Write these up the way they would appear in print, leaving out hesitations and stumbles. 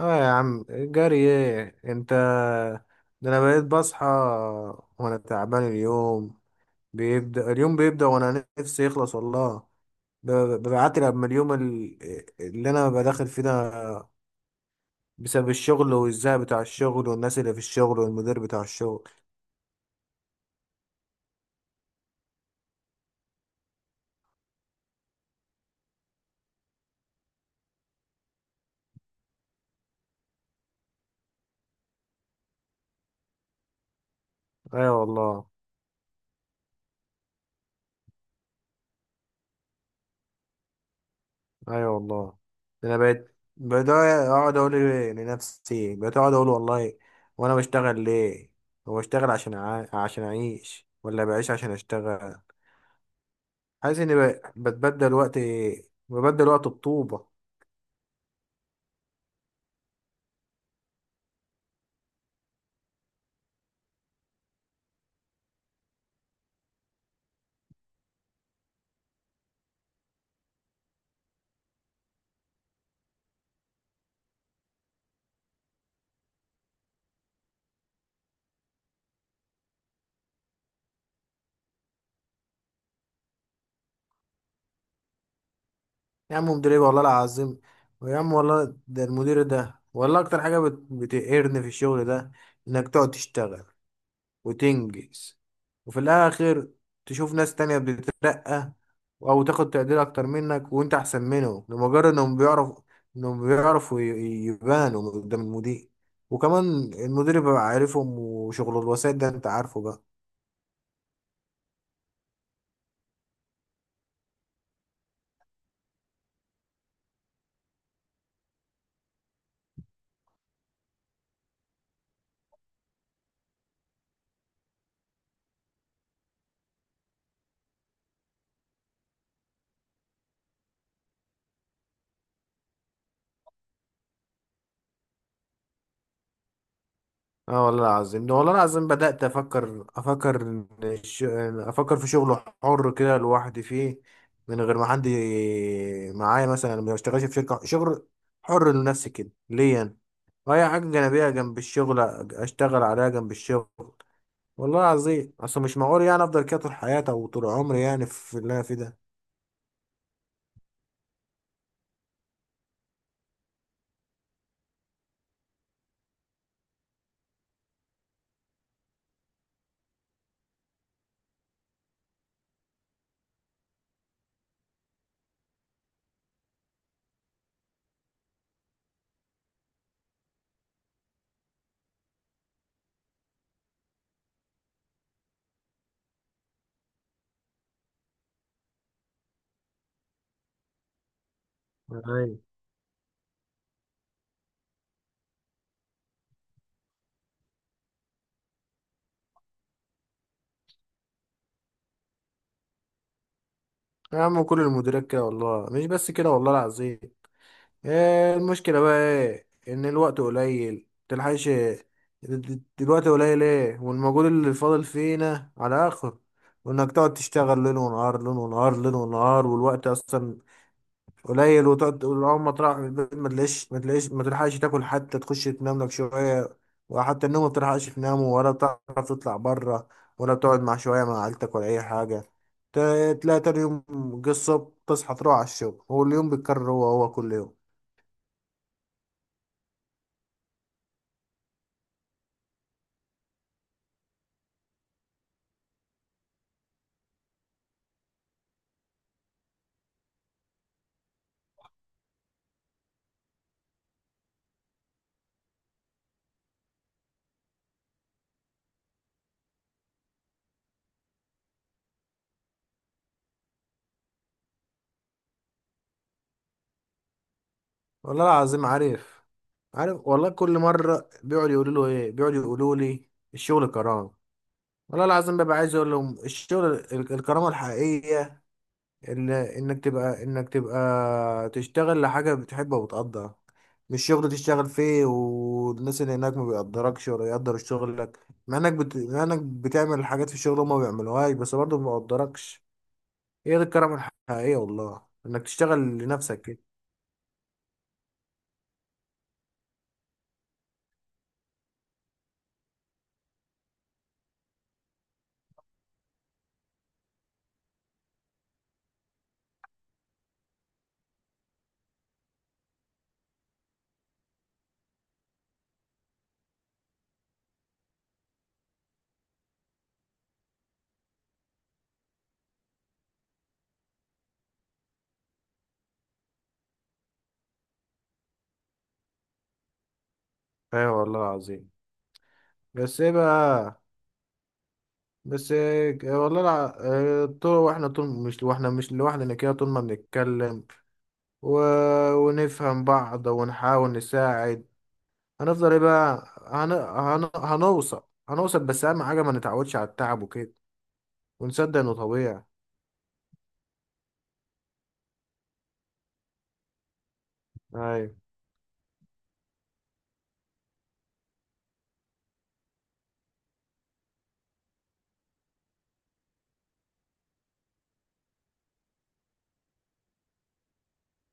اه يا عم، جري ايه انت؟ ده انا بقيت بصحى وانا تعبان. اليوم بيبدأ وانا نفسي يخلص والله. ب- ببعتلي قبل ما اليوم اللي انا ببقى داخل فيه ده، بسبب الشغل والزهق بتاع الشغل والناس اللي في الشغل والمدير بتاع الشغل. ايوه والله. ايوه والله، ده انا بقيت اقعد اقول إيه لنفسي، بقيت اقعد اقول والله، وانا بشتغل ليه؟ هو بشتغل عشان عشان اعيش، ولا بعيش عشان اشتغل؟ عايز اني بتبدل وقت، ببدل وقت بطوبة. يا عم مدير ايه والله العظيم. ويا عم والله ده المدير ده والله اكتر حاجة بتقهرني في الشغل ده، انك تقعد تشتغل وتنجز، وفي الاخر تشوف ناس تانية بتترقى او تاخد تقدير اكتر منك، وانت احسن منهم، لمجرد انهم انهم بيعرفوا يبانوا قدام المدير. وكمان المدير بيبقى عارفهم، وشغل الوسائط ده انت عارفه بقى. اه والله العظيم، ده والله العظيم بدأت أفكر إن أفكر في شغل حر كده لوحدي فيه، من غير ما حد معايا، مثلا ما بشتغلش في شركة. شغل حر لنفسي كده ليا أنا، وأي حاجة جانبية جنب الشغل أشتغل عليها جنب الشغل. والله العظيم أصل مش معقول يعني أفضل كده طول حياتي أو طول عمري يعني في اللي أنا فيه ده. أيوة. يا عم كل المديرات كده والله، مش بس كده والله العظيم. آه، المشكلة بقى ايه، ان الوقت قليل متلحقش. الوقت قليل ايه، والمجهود اللي فاضل فينا على اخر، وانك تقعد تشتغل ليل ونهار، ليل ونهار، ليل ونهار، والوقت اصلا قليل. وتقعد تقول اول ما تروح من البيت، ما تلاقيش، ما تلحقش تاكل، حتى تخش تنام لك شوية وحتى النوم ما بتلحقش تنام، ولا بتعرف تطلع بره، ولا بتقعد مع شوية مع عيلتك، ولا اي حاجة. تلاقي تاني يوم جه الصبح، تصحى تروح على الشغل، واليوم بيتكرر هو هو كل يوم. والله العظيم عارف، عارف والله. كل مرة بيقعدوا يقولوا له ايه، بيقعدوا يقولوا لي الشغل كرامة. والله العظيم ببقى عايز اقول لهم الشغل الكرامة الحقيقية اللي انك تبقى تشتغل لحاجة بتحبها وبتقدرها، مش شغل تشتغل فيه والناس اللي هناك ما بيقدركش ولا يقدر شغلك، مع انك بتعمل حاجات في الشغل هما ما بيعملوهاش، بس برضه ما بيقدركش. هي دي الكرامة الحقيقية والله، انك تشتغل لنفسك كده. ايوه والله العظيم. بس ايه بقى؟ بس آه، والله لا. آه، طول واحنا طول مش واحنا مش لوحدنا كده، طول ما بنتكلم و... ونفهم بعض ونحاول نساعد، هنفضل ايه بقى؟ هنوصل، هنوصل، بس اهم حاجة ما نتعودش على التعب وكده، ونصدق انه طبيعي. ايوه.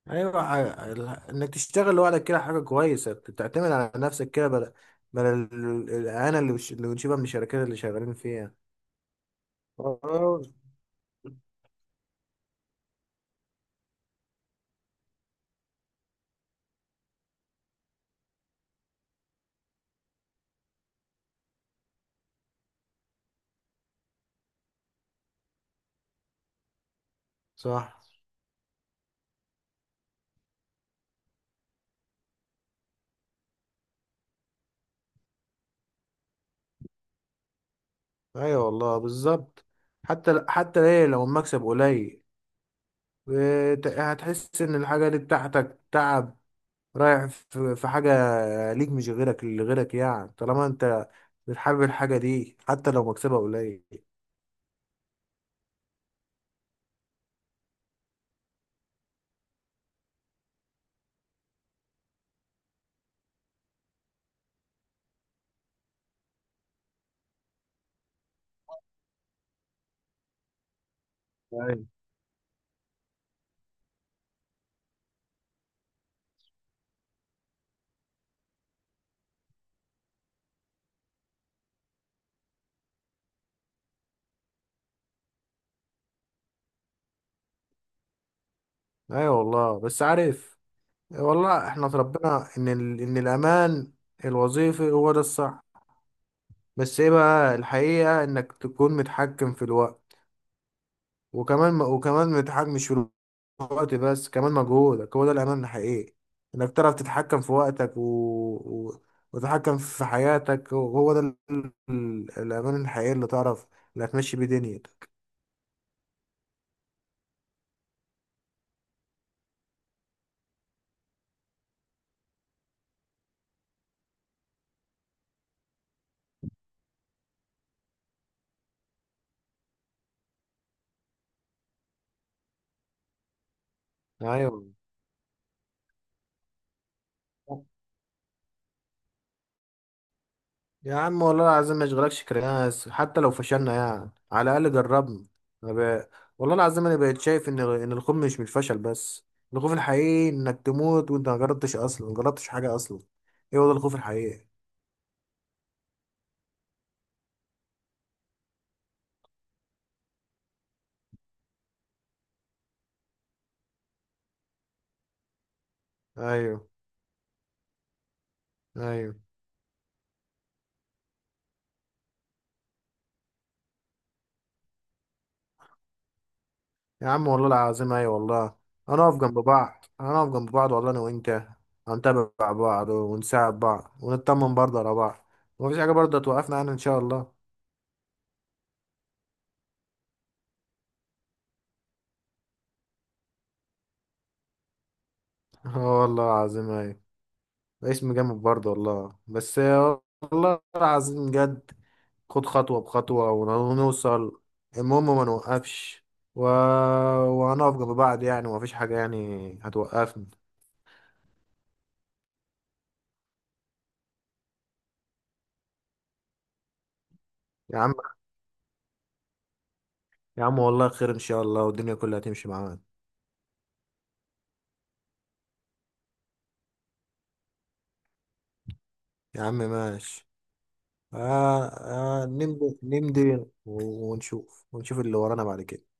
ايوه انك تشتغل لوحدك كده حاجة كويسة، تعتمد على نفسك كده، بدل الاهانة اللي بنشوفها من الشركات اللي شغالين فيها. آه، صح. ايوه والله بالظبط. حتى حتى ايه لو المكسب قليل، هتحس ان الحاجه دي بتاعتك، تعب رايح في في حاجه ليك، مش غيرك، اللي غيرك يعني، طالما انت بتحب الحاجه دي حتى لو مكسبها قليل. أيوة. ايوه والله، بس عارف، والله احنا اتربينا ان ان الامان الوظيفي هو ده الصح، بس ايه بقى، الحقيقه انك تكون متحكم في الوقت. وكمان، ما تتحكمش في الوقت بس، كمان مجهودك، هو ده الأمان الحقيقي. إنك تعرف تتحكم في وقتك و... وتتحكم في حياتك، هو ده الأمان الحقيقي اللي تعرف اللي هتمشي بيه دنيتك. أيوة. يا عم والله العظيم ما يشغلكش كرياس، حتى لو فشلنا يعني على الأقل جربنا. أنا ب... والله العظيم أنا بقيت شايف إن الخوف مش من الفشل بس، الخوف الحقيقي إنك تموت وأنت ما جربتش أصلا، ما جربتش حاجة أصلا. إيه، هو ده الخوف الحقيقي. أيوة. ايوه يا عم والله العظيم، ايوه والله. هنقف جنب بعض، والله انا وانت هنتابع بعض ونساعد بعض، ونطمن برضه على بعض، ومفيش حاجه برضه هتوقفنا عنها ان شاء الله. اه والله العظيم، ايوه. اسم جامد برضه والله. بس والله العظيم جد، خد خطوه بخطوه ونوصل، المهم ما نوقفش. و... وهنقف جنب بعض يعني، ومفيش حاجه يعني هتوقفنا. يا عم، يا عم والله خير ان شاء الله، والدنيا كلها هتمشي معانا. يا عم ماشي. آه، آه، نمضي ونشوف، ونشوف اللي ورانا بعد كده.